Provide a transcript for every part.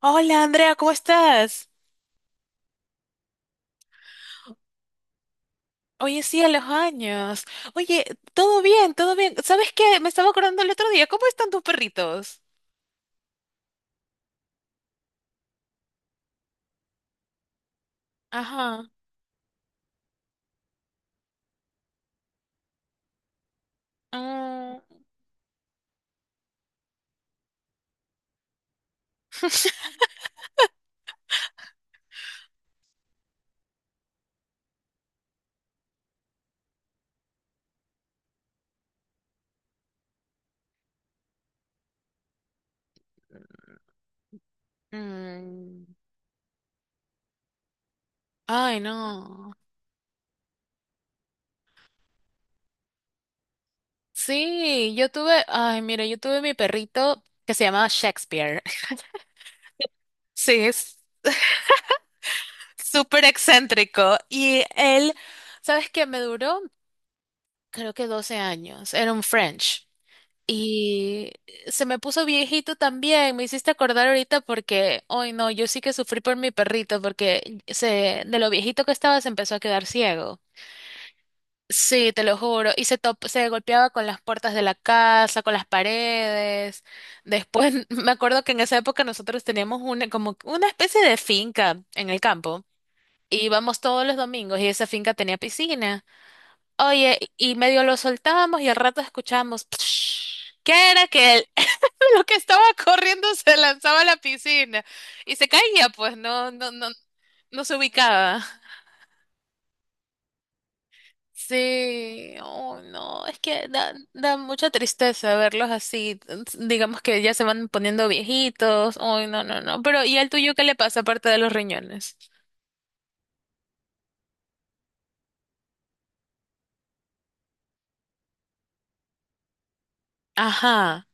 Hola Andrea, ¿cómo estás? Oye, sí, a los años. Oye, todo bien, todo bien. ¿Sabes qué? Me estaba acordando el otro día. ¿Cómo están tus perritos? Ajá. Mm, mm. Ay, no. Sí, yo tuve, ay, mira, yo tuve mi perrito que se llamaba Shakespeare. Sí, es súper excéntrico. Y él, ¿sabes qué? Me duró, creo que 12 años. Era un French. Y se me puso viejito también, me hiciste acordar ahorita porque, hoy no, yo sí que sufrí por mi perrito porque se, de lo viejito que estaba se empezó a quedar ciego. Sí, te lo juro. Y se, top- se golpeaba con las puertas de la casa, con las paredes. Después, me acuerdo que en esa época nosotros teníamos una, como una especie de finca en el campo. Y íbamos todos los domingos y esa finca tenía piscina. Oye, y medio lo soltábamos y al rato escuchábamos, ¿qué era que lo que estaba corriendo se lanzaba a la piscina y se caía, pues no, no, no, no se ubicaba. Sí, oh no, es que da, da mucha tristeza verlos así, digamos que ya se van poniendo viejitos, oh no, no, no, pero ¿y al tuyo qué le pasa aparte de los riñones? Ajá,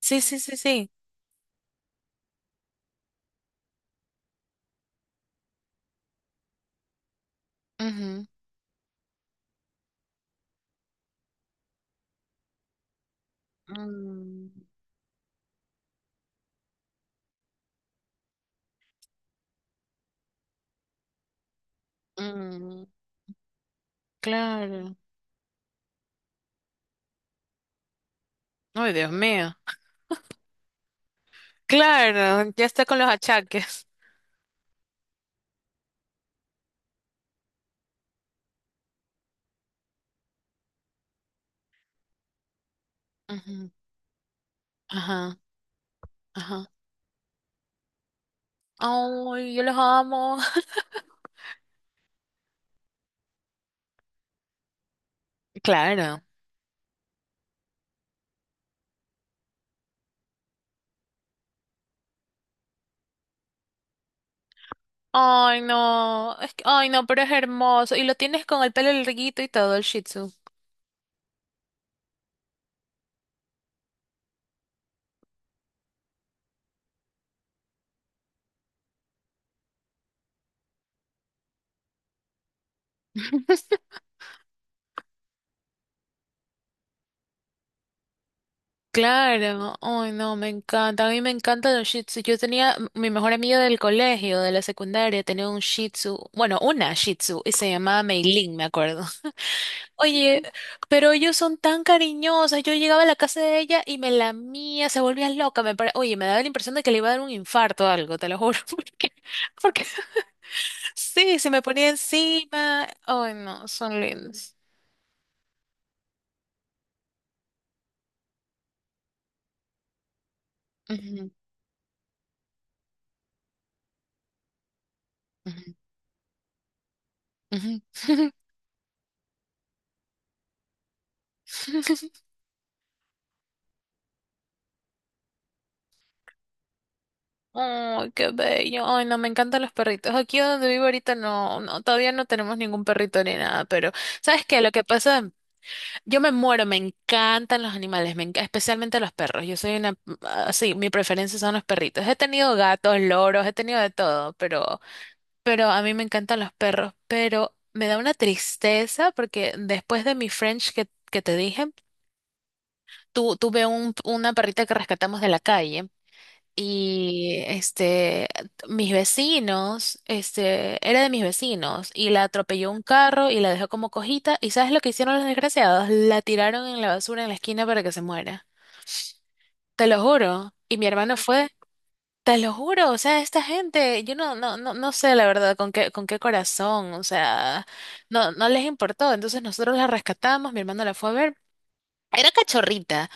sí, sí, sí, sí. Ujú. Mm, mm, claro. Ay, Dios mío. Claro, ya está con los achaques. Ujú. Ajá, ajá. Ay, yo los amo. Claro. Ay, no. Es que, ay, no, pero es hermoso. Y lo tienes con el pelo larguito y todo, el Shih Tzu. Claro. Ay, no, me encanta. A mí me encantan los Shih Tzu. Yo tenía m- mi mejor amiga del colegio, de la secundaria, tenía un Shih Tzu. Bueno, una Shih Tzu y se llamaba Meilin, me acuerdo. Oye, pero ellos son tan cariñosos. Yo llegaba a la casa de ella y me lamía, se volvía loca. Me pare- Oye, me daba la impresión de que le iba a dar un infarto o algo, te lo juro. Porque sí, se me ponía encima. Ay, no, son lindos. Ujú, ujú, ujú. Ay, qué bello. Ay, no, me encantan los perritos. Aquí donde vivo ahorita no, no, todavía no tenemos ningún perrito ni nada, pero ¿sabes qué? Lo que pasa, yo me muero, me encantan los animales, me enca- especialmente los perros. Yo soy una, así, mi preferencia son los perritos. He tenido gatos, loros, he tenido de todo, pero a mí me encantan los perros, pero me da una tristeza porque después de mi French que te dije, tu- tuve un, una perrita que rescatamos de la calle y este, mis vecinos, este, era de mis vecinos y la atropelló un carro y la dejó como cojita y ¿sabes lo que hicieron los desgraciados? La tiraron en la basura en la esquina para que se muera. Te lo juro. Y mi hermano fue. Te lo juro, o sea, esta gente, yo no, no, no, no sé la verdad con qué corazón, o sea, no, no les importó. Entonces nosotros la rescatamos, mi hermano la fue a ver. Era cachorrita,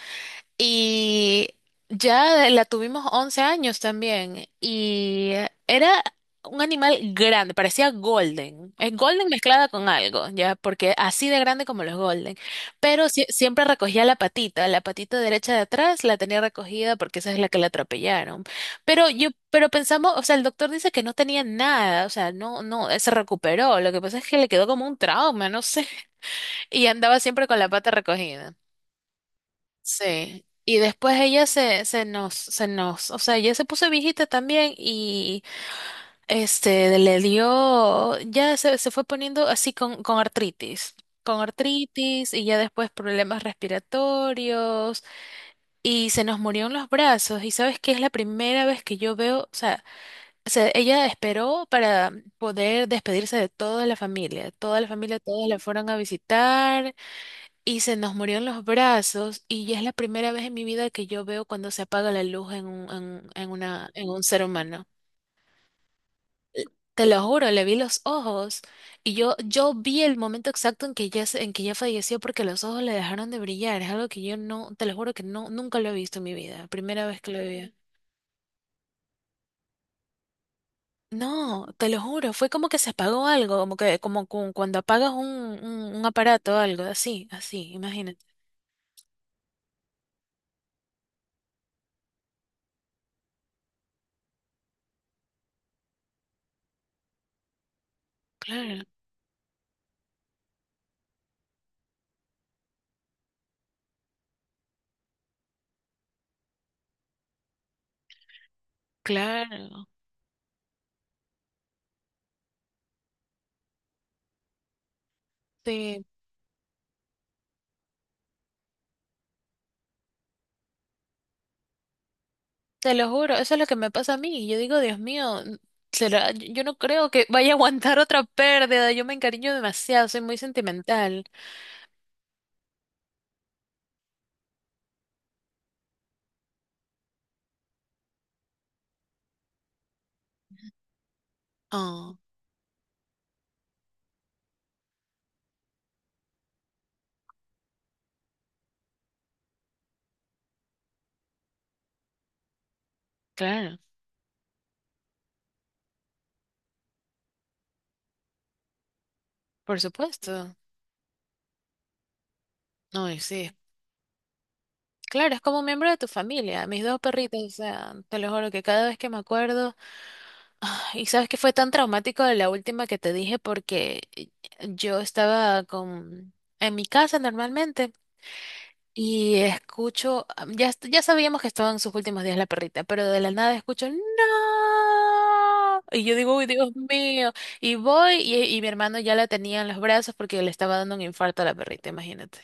y ya la tuvimos 11 años también. Y era un animal grande, parecía golden. Es golden mezclada con algo, ya, porque así de grande como los golden. Pero sie- siempre recogía la patita derecha de atrás la tenía recogida porque esa es la que la atropellaron. Pero yo, pero pensamos, o sea, el doctor dice que no tenía nada, o sea, no, no, se recuperó. Lo que pasa es que le quedó como un trauma, no sé. Y andaba siempre con la pata recogida. Sí. Y después ella se, se nos, o sea, ella se puso viejita también y este le dio, ya se fue poniendo así con artritis y ya después problemas respiratorios y se nos murió en los brazos. Y sabes que es la primera vez que yo veo, o sea, se- ella esperó para poder despedirse de toda la familia, todos la fueron a visitar. Y se nos murió en los brazos y ya es la primera vez en mi vida que yo veo cuando se apaga la luz en un, en una, en un ser humano. Te lo juro, le vi los ojos y yo vi el momento exacto en que ya, se- en que ya falleció porque los ojos le dejaron de brillar. Es algo que yo no, te lo juro que no, nunca lo he visto en mi vida. Primera vez que lo vi. No, te lo juro, fue como que se apagó algo, como que, como cu- cuando apagas un aparato o algo, así, así, imagínate. Claro, claro. Sí. Te lo juro, eso es lo que me pasa a mí. Yo digo, Dios mío, n- será- yo no creo que vaya a aguantar otra pérdida. Yo me encariño demasiado, soy muy sentimental. Oh, claro, por supuesto. No, y sí. Claro, es como un miembro de tu familia, mis dos perritos, o sea, te lo juro que cada vez que me acuerdo, ah, y sabes que fue tan traumático de la última que te dije porque yo estaba con en mi casa normalmente. Y escucho, ah, ya, est- ya sabíamos que estaba en sus últimos días la perrita, pero de la nada escucho, ¡No! Y yo digo, ¡Uy, Dios mío! Y voy y mi hermano ya la tenía en los brazos porque le estaba dando un infarto a la perrita, imagínate.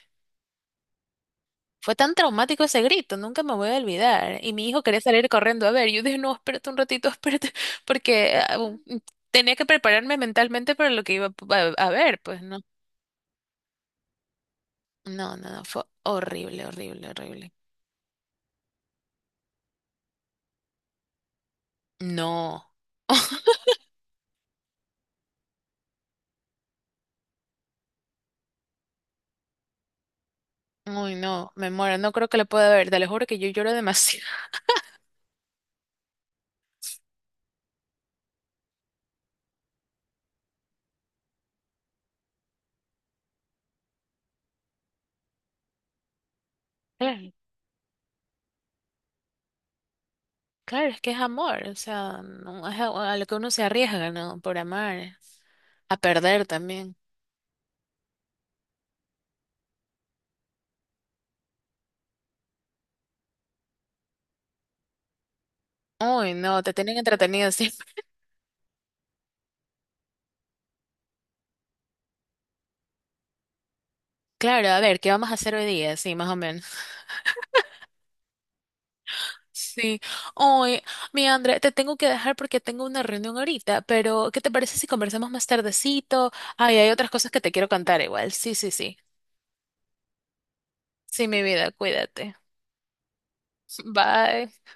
Fue tan traumático ese grito, nunca me voy a olvidar. Y mi hijo quería salir corriendo a ver. Yo dije, no, espérate un ratito, espérate, porque tenía que prepararme mentalmente para lo que iba a, a ver, pues no. No, no, no, fue horrible, horrible, horrible. No. Uy, no, me muero, no creo que le pueda ver, te lo juro que yo lloro demasiado. Claro, claro, es que es amor, o sea, no, es a lo que uno se arriesga, ¿no? Por amar, a perder también. Uy, no, te tienen entretenido siempre. Claro, a ver, ¿qué vamos a hacer hoy día? Sí, más o menos. Sí. Uy, mi André, te tengo que dejar porque tengo una reunión ahorita, pero ¿qué te parece si conversamos más tardecito? Ay, hay otras cosas que te quiero contar igual. Sí, sí, sí. Sí, mi vida, cuídate. Bye.